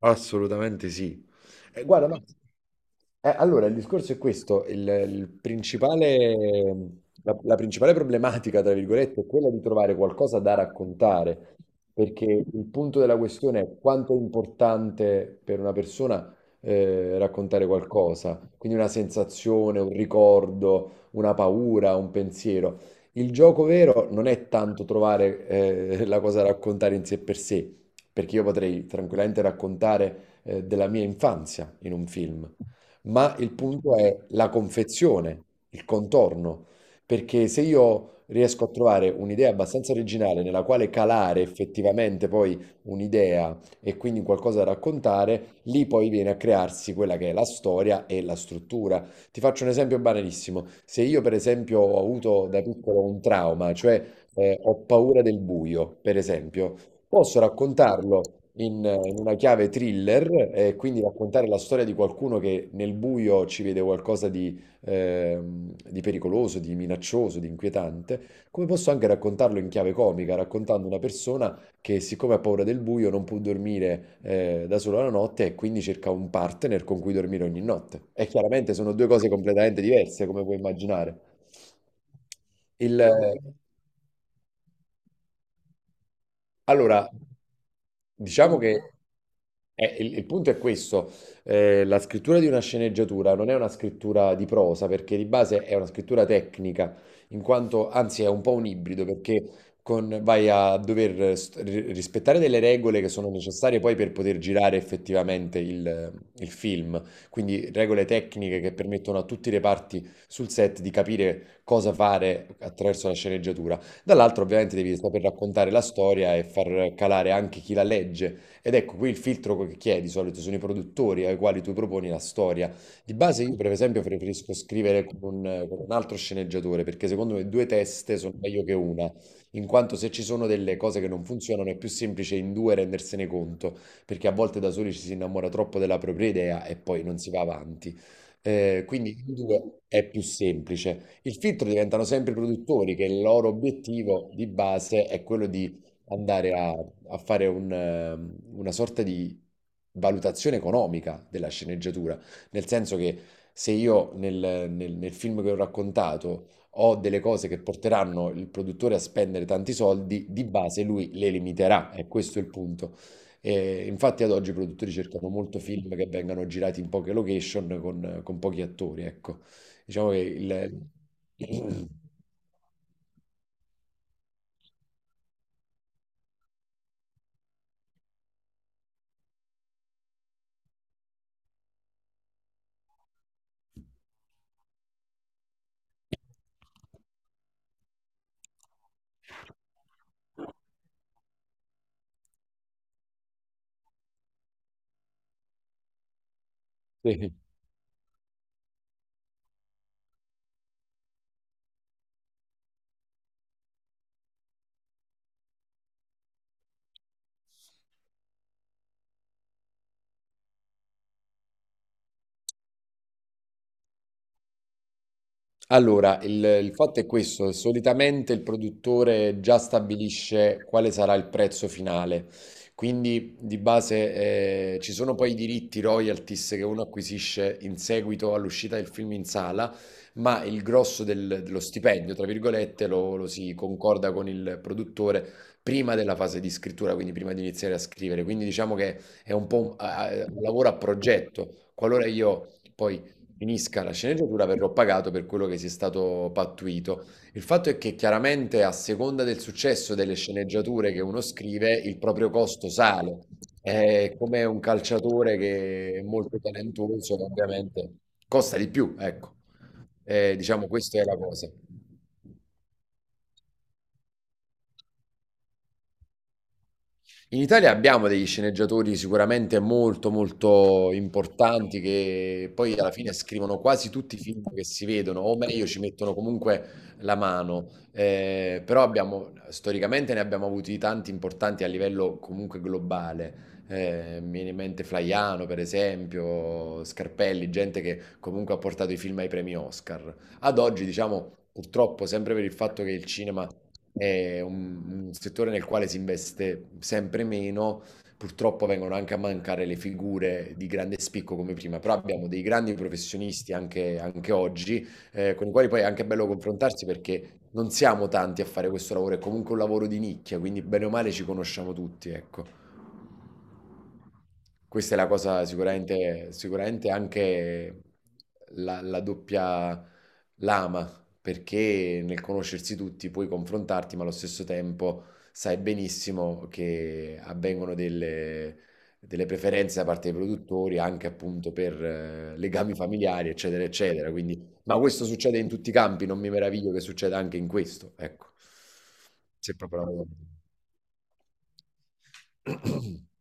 Assolutamente sì. Guarda, no. Allora, il discorso è questo, il principale, la principale problematica, tra virgolette, è quella di trovare qualcosa da raccontare, perché il punto della questione è quanto è importante per una persona raccontare qualcosa, quindi una sensazione, un ricordo, una paura, un pensiero. Il gioco vero non è tanto trovare la cosa da raccontare in sé per sé, perché io potrei tranquillamente raccontare della mia infanzia in un film, ma il punto è la confezione, il contorno, perché se io riesco a trovare un'idea abbastanza originale nella quale calare effettivamente poi un'idea e quindi qualcosa da raccontare, lì poi viene a crearsi quella che è la storia e la struttura. Ti faccio un esempio banalissimo. Se io per esempio ho avuto da piccolo un trauma, cioè ho paura del buio, per esempio, posso raccontarlo in una chiave thriller e quindi raccontare la storia di qualcuno che nel buio ci vede qualcosa di pericoloso, di minaccioso, di inquietante, come posso anche raccontarlo in chiave comica, raccontando una persona che siccome ha paura del buio non può dormire da sola la notte e quindi cerca un partner con cui dormire ogni notte. E chiaramente sono due cose completamente diverse, come puoi immaginare. Il, Allora, diciamo che il punto è questo, la scrittura di una sceneggiatura non è una scrittura di prosa perché di base è una scrittura tecnica, in quanto anzi è un po' un ibrido perché vai a dover rispettare delle regole che sono necessarie poi per poter girare effettivamente il film, quindi regole tecniche che permettono a tutti i reparti sul set di capire cosa fare attraverso la sceneggiatura. Dall'altro ovviamente devi saper raccontare la storia e far calare anche chi la legge. Ed ecco, qui il filtro che chi è di solito sono i produttori ai quali tu proponi la storia. Di base io per esempio preferisco scrivere con un altro sceneggiatore, perché secondo me due teste sono meglio che una, in quanto se ci sono delle cose che non funzionano è più semplice in due rendersene conto, perché a volte da soli ci si innamora troppo della propria idea e poi non si va avanti. Quindi in due è più semplice. Il filtro diventano sempre i produttori, che il loro obiettivo di base è quello di andare a fare un, una sorta di valutazione economica della sceneggiatura, nel senso che se io nel film che ho raccontato ho delle cose che porteranno il produttore a spendere tanti soldi, di base lui le limiterà, e questo è il punto. E infatti ad oggi i produttori cercano molto film che vengano girati in poche location con pochi attori, ecco. Diciamo che il... sì, allora, il fatto è questo, solitamente il produttore già stabilisce quale sarà il prezzo finale, quindi di base ci sono poi i diritti royalties che uno acquisisce in seguito all'uscita del film in sala, ma il grosso dello stipendio, tra virgolette, lo si concorda con il produttore prima della fase di scrittura, quindi prima di iniziare a scrivere, quindi diciamo che è un po' un, un lavoro a progetto, qualora io... Poi finisca la sceneggiatura verrò pagato per quello che sia stato pattuito. Il fatto è che chiaramente a seconda del successo delle sceneggiature che uno scrive, il proprio costo sale. È come un calciatore che è molto talentuoso, ovviamente costa di più, ecco. Diciamo, questa è la cosa. In Italia abbiamo degli sceneggiatori sicuramente molto molto importanti che poi alla fine scrivono quasi tutti i film che si vedono, o meglio ci mettono comunque la mano. Però abbiamo, storicamente ne abbiamo avuti tanti importanti a livello comunque globale. Mi viene in mente Flaiano, per esempio, Scarpelli, gente che comunque ha portato i film ai premi Oscar. Ad oggi, diciamo, purtroppo, sempre per il fatto che il cinema è un settore nel quale si investe sempre meno. Purtroppo vengono anche a mancare le figure di grande spicco come prima, però abbiamo dei grandi professionisti anche, anche oggi, con i quali poi è anche bello confrontarsi perché non siamo tanti a fare questo lavoro, è comunque un lavoro di nicchia, quindi bene o male ci conosciamo tutti, ecco. Questa è la cosa sicuramente, sicuramente anche la doppia lama, perché nel conoscersi tutti puoi confrontarti, ma allo stesso tempo sai benissimo che avvengono delle preferenze da parte dei produttori anche appunto per legami familiari, eccetera, eccetera. Quindi, ma questo succede in tutti i campi, non mi meraviglio che succeda anche in questo, ecco. Se proprio la vogliamo.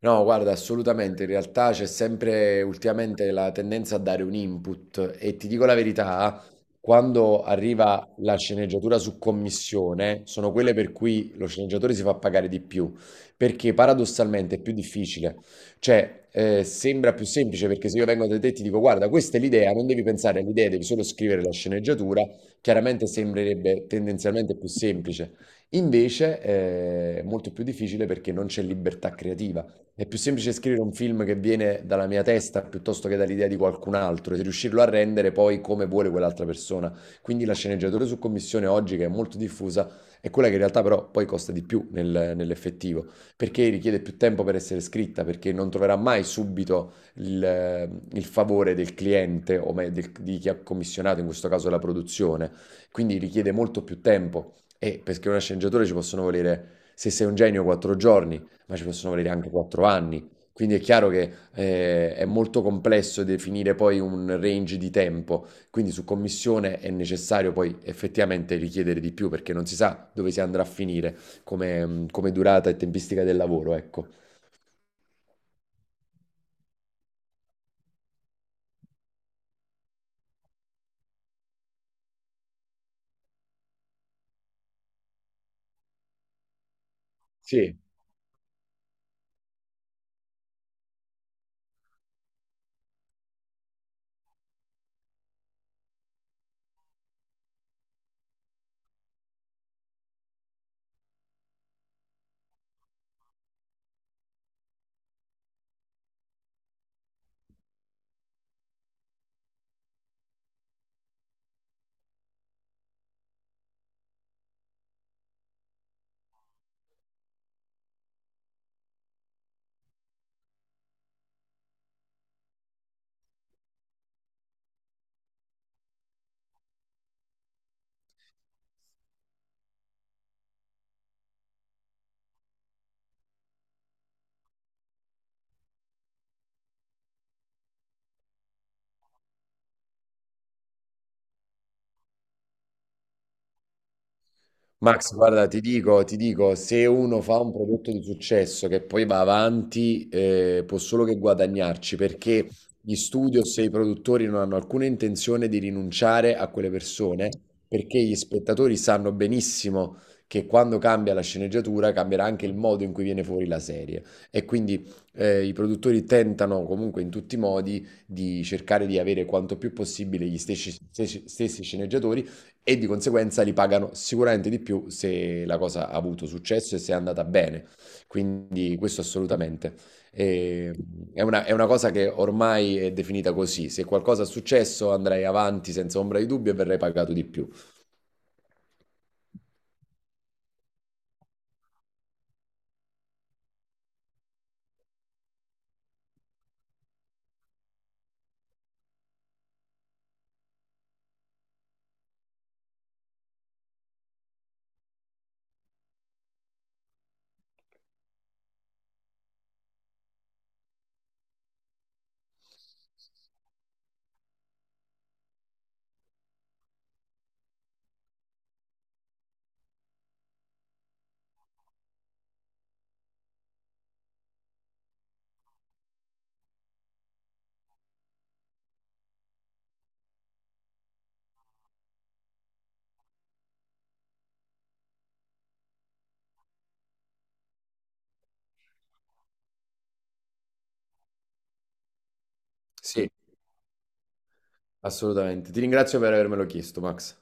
No, guarda, assolutamente, in realtà c'è sempre ultimamente la tendenza a dare un input e ti dico la verità, quando arriva la sceneggiatura su commissione, sono quelle per cui lo sceneggiatore si fa pagare di più, perché paradossalmente è più difficile. Cioè, sembra più semplice perché se io vengo da te e ti dico, guarda, questa è l'idea, non devi pensare all'idea, devi solo scrivere la sceneggiatura, chiaramente sembrerebbe tendenzialmente più semplice. Invece, è molto più difficile perché non c'è libertà creativa. È più semplice scrivere un film che viene dalla mia testa piuttosto che dall'idea di qualcun altro e riuscirlo a rendere poi come vuole quell'altra persona. Quindi la sceneggiatura su commissione oggi, che è molto diffusa, è quella che in realtà però poi costa di più nell'effettivo, perché richiede più tempo per essere scritta, perché non troverà mai subito il favore del cliente o di chi ha commissionato, in questo caso la produzione. Quindi richiede molto più tempo e perché una sceneggiatura ci possono volere, se sei un genio, quattro giorni, ma ci possono volere anche quattro anni. Quindi è chiaro che è molto complesso definire poi un range di tempo, quindi su commissione è necessario poi effettivamente richiedere di più perché non si sa dove si andrà a finire come, come durata e tempistica del lavoro, ecco. Sì, Max, guarda, ti dico, se uno fa un prodotto di successo che poi va avanti, può solo che guadagnarci, perché gli studios e i produttori non hanno alcuna intenzione di rinunciare a quelle persone, perché gli spettatori sanno benissimo che quando cambia la sceneggiatura cambierà anche il modo in cui viene fuori la serie. E quindi i produttori tentano comunque in tutti i modi di cercare di avere quanto più possibile gli stessi sceneggiatori e di conseguenza li pagano sicuramente di più se la cosa ha avuto successo e se è andata bene. Quindi questo assolutamente. E- è una cosa che ormai è definita così. Se qualcosa è successo andrei avanti senza ombra di dubbio e verrei pagato di più. Sì, assolutamente. Ti ringrazio per avermelo chiesto, Max.